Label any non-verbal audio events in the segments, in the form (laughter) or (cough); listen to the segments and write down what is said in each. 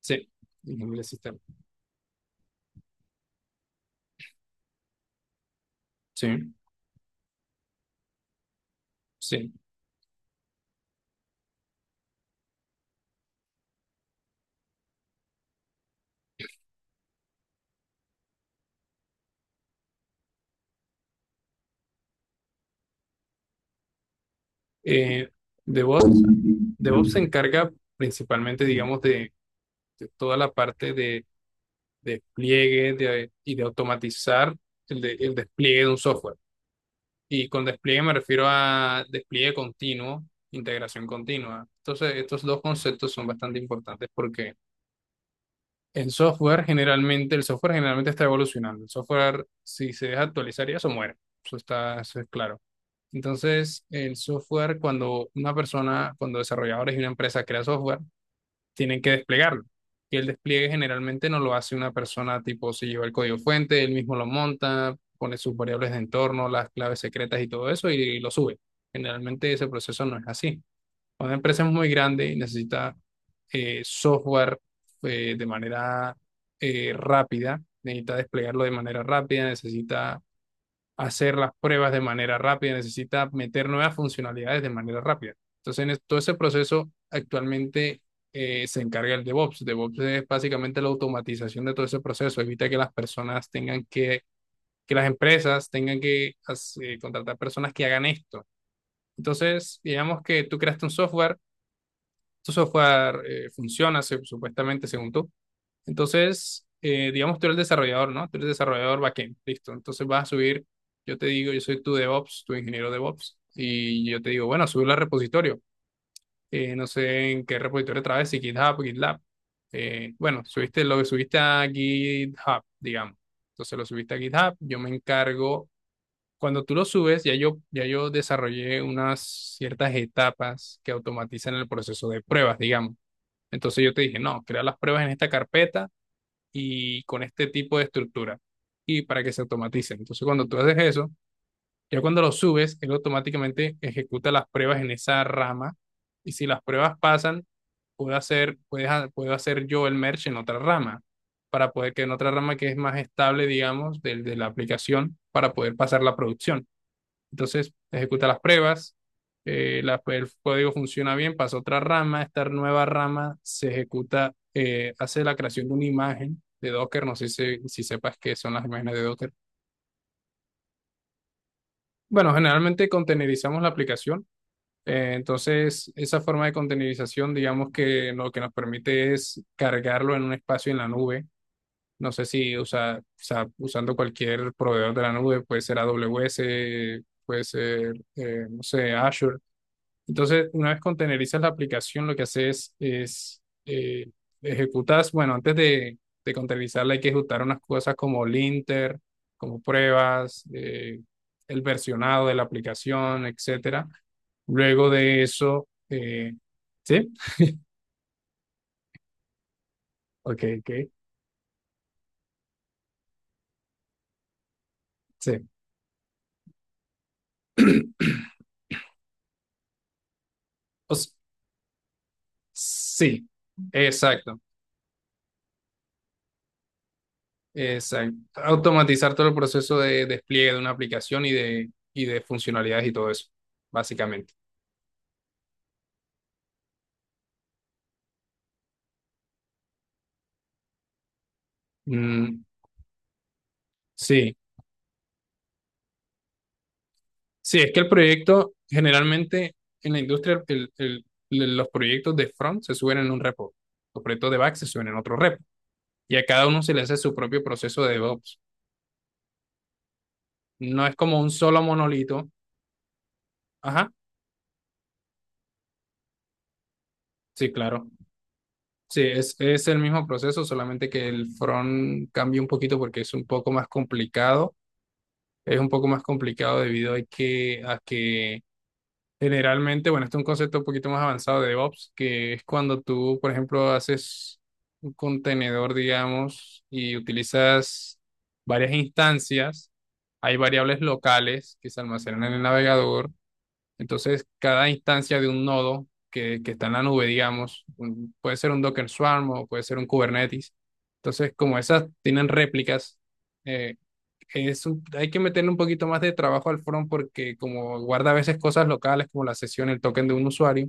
Sí, ingeniería de sistema. Sí, sí. Eh, DevOps, DevOps se encarga principalmente, digamos, de toda la parte de despliegue y de automatizar el despliegue de un software. Y con despliegue me refiero a despliegue continuo, integración continua. Entonces, estos dos conceptos son bastante importantes porque el software generalmente está evolucionando. El software, si se deja actualizar, ya se muere. Eso es claro. Entonces, el software, cuando desarrolladores y una empresa crea software, tienen que desplegarlo. Y el despliegue generalmente no lo hace una persona tipo si lleva el código fuente, él mismo lo monta, pone sus variables de entorno, las claves secretas y todo eso y lo sube. Generalmente ese proceso no es así. Cuando una empresa es muy grande y necesita software de manera rápida, necesita desplegarlo de manera rápida, necesita hacer las pruebas de manera rápida, necesita meter nuevas funcionalidades de manera rápida. Entonces, en todo ese proceso actualmente se encarga el DevOps. DevOps es básicamente la automatización de todo ese proceso, evita que las personas tengan que las empresas tengan que contratar personas que hagan esto. Entonces, digamos que tú creaste un software, tu software funciona supuestamente según tú, entonces, digamos, tú eres el desarrollador, ¿no? Tú eres desarrollador backend, listo. Entonces vas a subir, yo te digo, yo soy tu DevOps, tu ingeniero DevOps, y yo te digo, bueno, subirlo al repositorio. No sé en qué repositorio traes, si GitHub, GitLab. Bueno, lo subiste a GitHub, digamos. Entonces lo subiste a GitHub, yo me encargo. Cuando tú lo subes, ya yo desarrollé unas ciertas etapas que automatizan el proceso de pruebas, digamos. Entonces yo te dije, no, crea las pruebas en esta carpeta y con este tipo de estructura y para que se automaticen. Entonces, cuando tú haces eso, ya cuando lo subes, él automáticamente ejecuta las pruebas en esa rama y si las pruebas pasan, puedo hacer yo el merge en otra rama para poder que en otra rama que es más estable, digamos, del de la aplicación, para poder pasar la producción. Entonces ejecuta las pruebas, el código funciona bien, pasa a otra rama, esta nueva rama se ejecuta, hace la creación de una imagen de Docker, no sé si sepas qué son las imágenes de Docker. Bueno, generalmente containerizamos la aplicación, entonces esa forma de containerización, digamos que lo que nos permite es cargarlo en un espacio en la nube. No sé si usa, o sea, usando cualquier proveedor de la nube, puede ser AWS, puede ser, no sé, Azure. Entonces, una vez containerizas la aplicación, lo que haces es, ejecutas, bueno, antes de containerizarla hay que ejecutar unas cosas como linter, como pruebas, el versionado de la aplicación, etcétera. Luego de eso, ¿sí? Ok, ok, sí. O s- sí, exacto, exacto. Automatizar todo el proceso de despliegue de una aplicación y de funcionalidades y todo eso, básicamente. Mm, sí. Sí, es que el proyecto, generalmente en la industria, los proyectos de front se suben en un repo, los proyectos de back se suben en otro repo, y a cada uno se le hace su propio proceso de DevOps. No es como un solo monolito. Ajá, sí, claro. Sí, es el mismo proceso, solamente que el front cambia un poquito porque es un poco más complicado. Es un poco más complicado debido a que generalmente, bueno, este es un concepto un poquito más avanzado de DevOps, que es cuando tú, por ejemplo, haces un contenedor, digamos, y utilizas varias instancias. Hay variables locales que se almacenan en el navegador. Entonces, cada instancia de un nodo que está en la nube, digamos, puede ser un Docker Swarm o puede ser un Kubernetes. Entonces, como esas tienen réplicas, eh, hay que meterle un poquito más de trabajo al front porque como guarda a veces cosas locales como la sesión, el token de un usuario,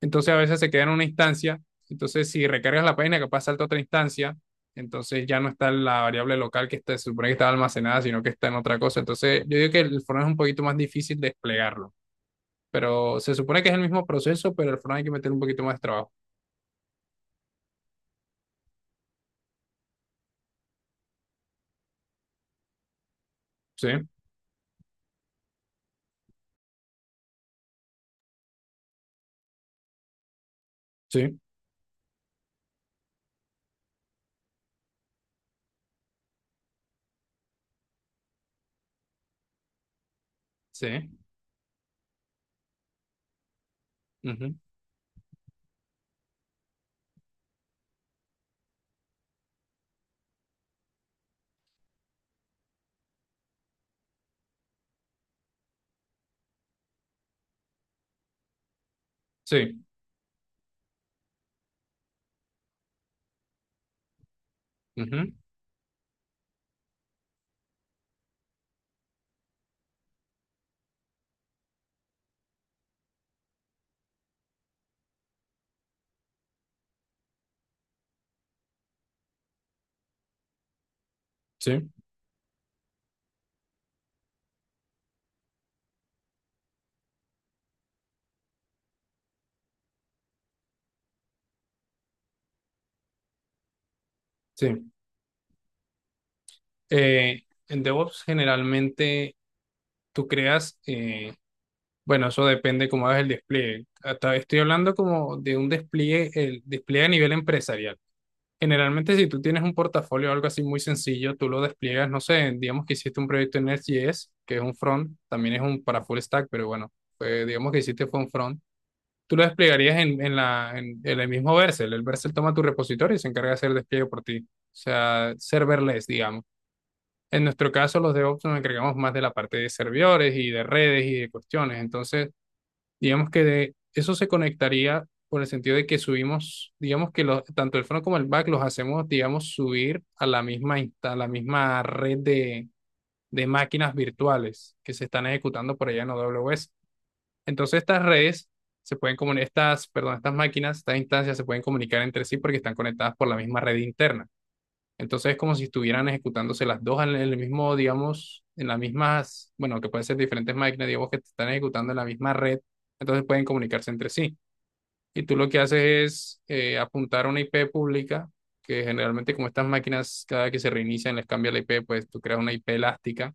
entonces a veces se queda en una instancia, entonces si recargas la página capaz salta a otra instancia, entonces ya no está la variable local se supone que estaba almacenada, sino que está en otra cosa. Entonces yo digo que el front es un poquito más difícil desplegarlo, pero se supone que es el mismo proceso, pero el front hay que meter un poquito más de trabajo. Sí, sí, sí, ujú, sí, ujú, sí, sí. Eh, en DevOps generalmente tú creas, eh, bueno, eso depende cómo hagas el despliegue. Hasta estoy hablando como de un despliegue, el despliegue a nivel empresarial. Generalmente, si tú tienes un portafolio o algo así muy sencillo, tú lo despliegas, no sé, digamos que hiciste un proyecto en Next.js, que es un front, también es un para full stack, pero bueno, pues digamos que hiciste fue un front. Tú lo desplegarías en el mismo Vercel. El Vercel toma tu repositorio y se encarga de hacer el despliegue por ti. O sea, serverless, digamos. En nuestro caso, los DevOps nos encargamos más de la parte de servidores y de redes y de cuestiones. Entonces, digamos que de eso se conectaría por el sentido de que subimos, digamos que tanto el front como el back los hacemos, digamos, subir a la misma red de máquinas virtuales que se están ejecutando por allá en AWS. Entonces, estas redes se pueden comunicar, perdón, estas máquinas, estas instancias se pueden comunicar entre sí porque están conectadas por la misma red interna. Entonces es como si estuvieran ejecutándose las dos en el mismo, digamos, en las mismas, bueno, que pueden ser diferentes máquinas, digamos, que están ejecutando en la misma red, entonces pueden comunicarse entre sí. Y tú lo que haces es apuntar a una IP pública, que generalmente como estas máquinas cada vez que se reinician les cambia la IP, pues tú creas una IP elástica.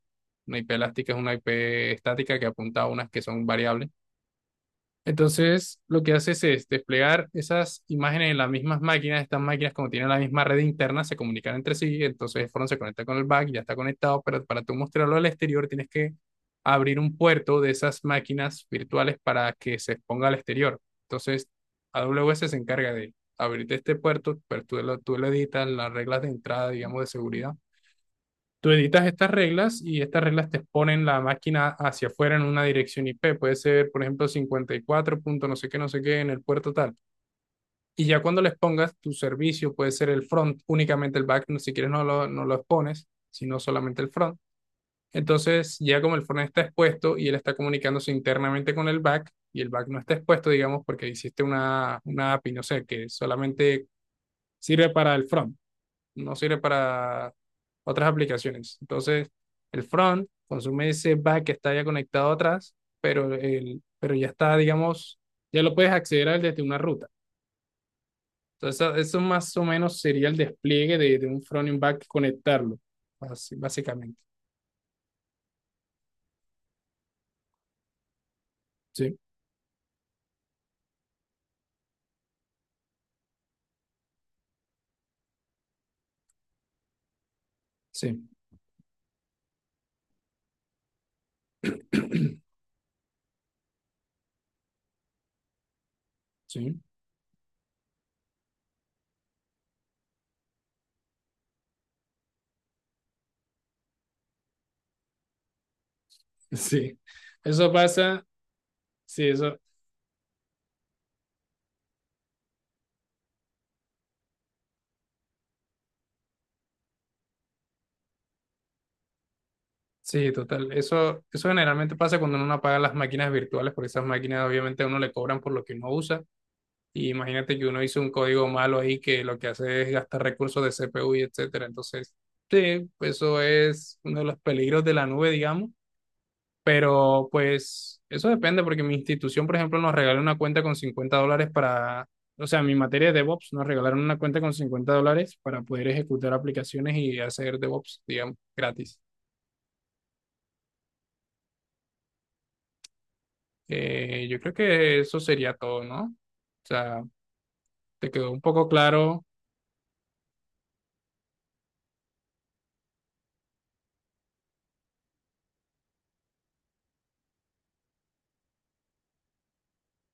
Una IP elástica es una IP estática que apunta a unas que son variables. Entonces, lo que haces es desplegar esas imágenes en las mismas máquinas. Estas máquinas, como tienen la misma red interna, se comunican entre sí. Entonces, el front se conecta con el back, ya está conectado, pero para tú mostrarlo al exterior tienes que abrir un puerto de esas máquinas virtuales para que se exponga al exterior. Entonces, AWS se encarga de abrirte este puerto, pero tú lo editas las reglas de entrada, digamos, de seguridad. Tú editas estas reglas y estas reglas te exponen la máquina hacia afuera en una dirección IP. Puede ser, por ejemplo, 54 punto no sé qué, no sé qué en el puerto tal. Y ya cuando les pongas tu servicio, puede ser el front, únicamente el back, si quieres no lo expones, sino solamente el front. Entonces, ya como el front está expuesto y él está comunicándose internamente con el back, y el back no está expuesto, digamos, porque hiciste una API, no sé, que solamente sirve para el front no sirve para otras aplicaciones. Entonces, el front consume ese back que está ya conectado atrás, pero ya está, digamos, ya lo puedes acceder a él desde una ruta. Entonces, eso más o menos sería el despliegue de un front y un back conectarlo, básicamente. Sí, sí, (clears throat) sí, sí. Eso pasa, sí, eso. Sí, total. Eso generalmente pasa cuando uno no apaga las máquinas virtuales, porque esas máquinas obviamente a uno le cobran por lo que uno usa. Y imagínate que uno hizo un código malo ahí que lo que hace es gastar recursos de CPU y etcétera. Entonces, sí, pues eso es uno de los peligros de la nube, digamos. Pero pues eso depende porque mi institución, por ejemplo, nos regaló una cuenta con $50 para, o sea, mi materia de DevOps nos regalaron una cuenta con $50 para poder ejecutar aplicaciones y hacer DevOps, digamos, gratis. Yo creo que eso sería todo, ¿no? O sea, te quedó un poco claro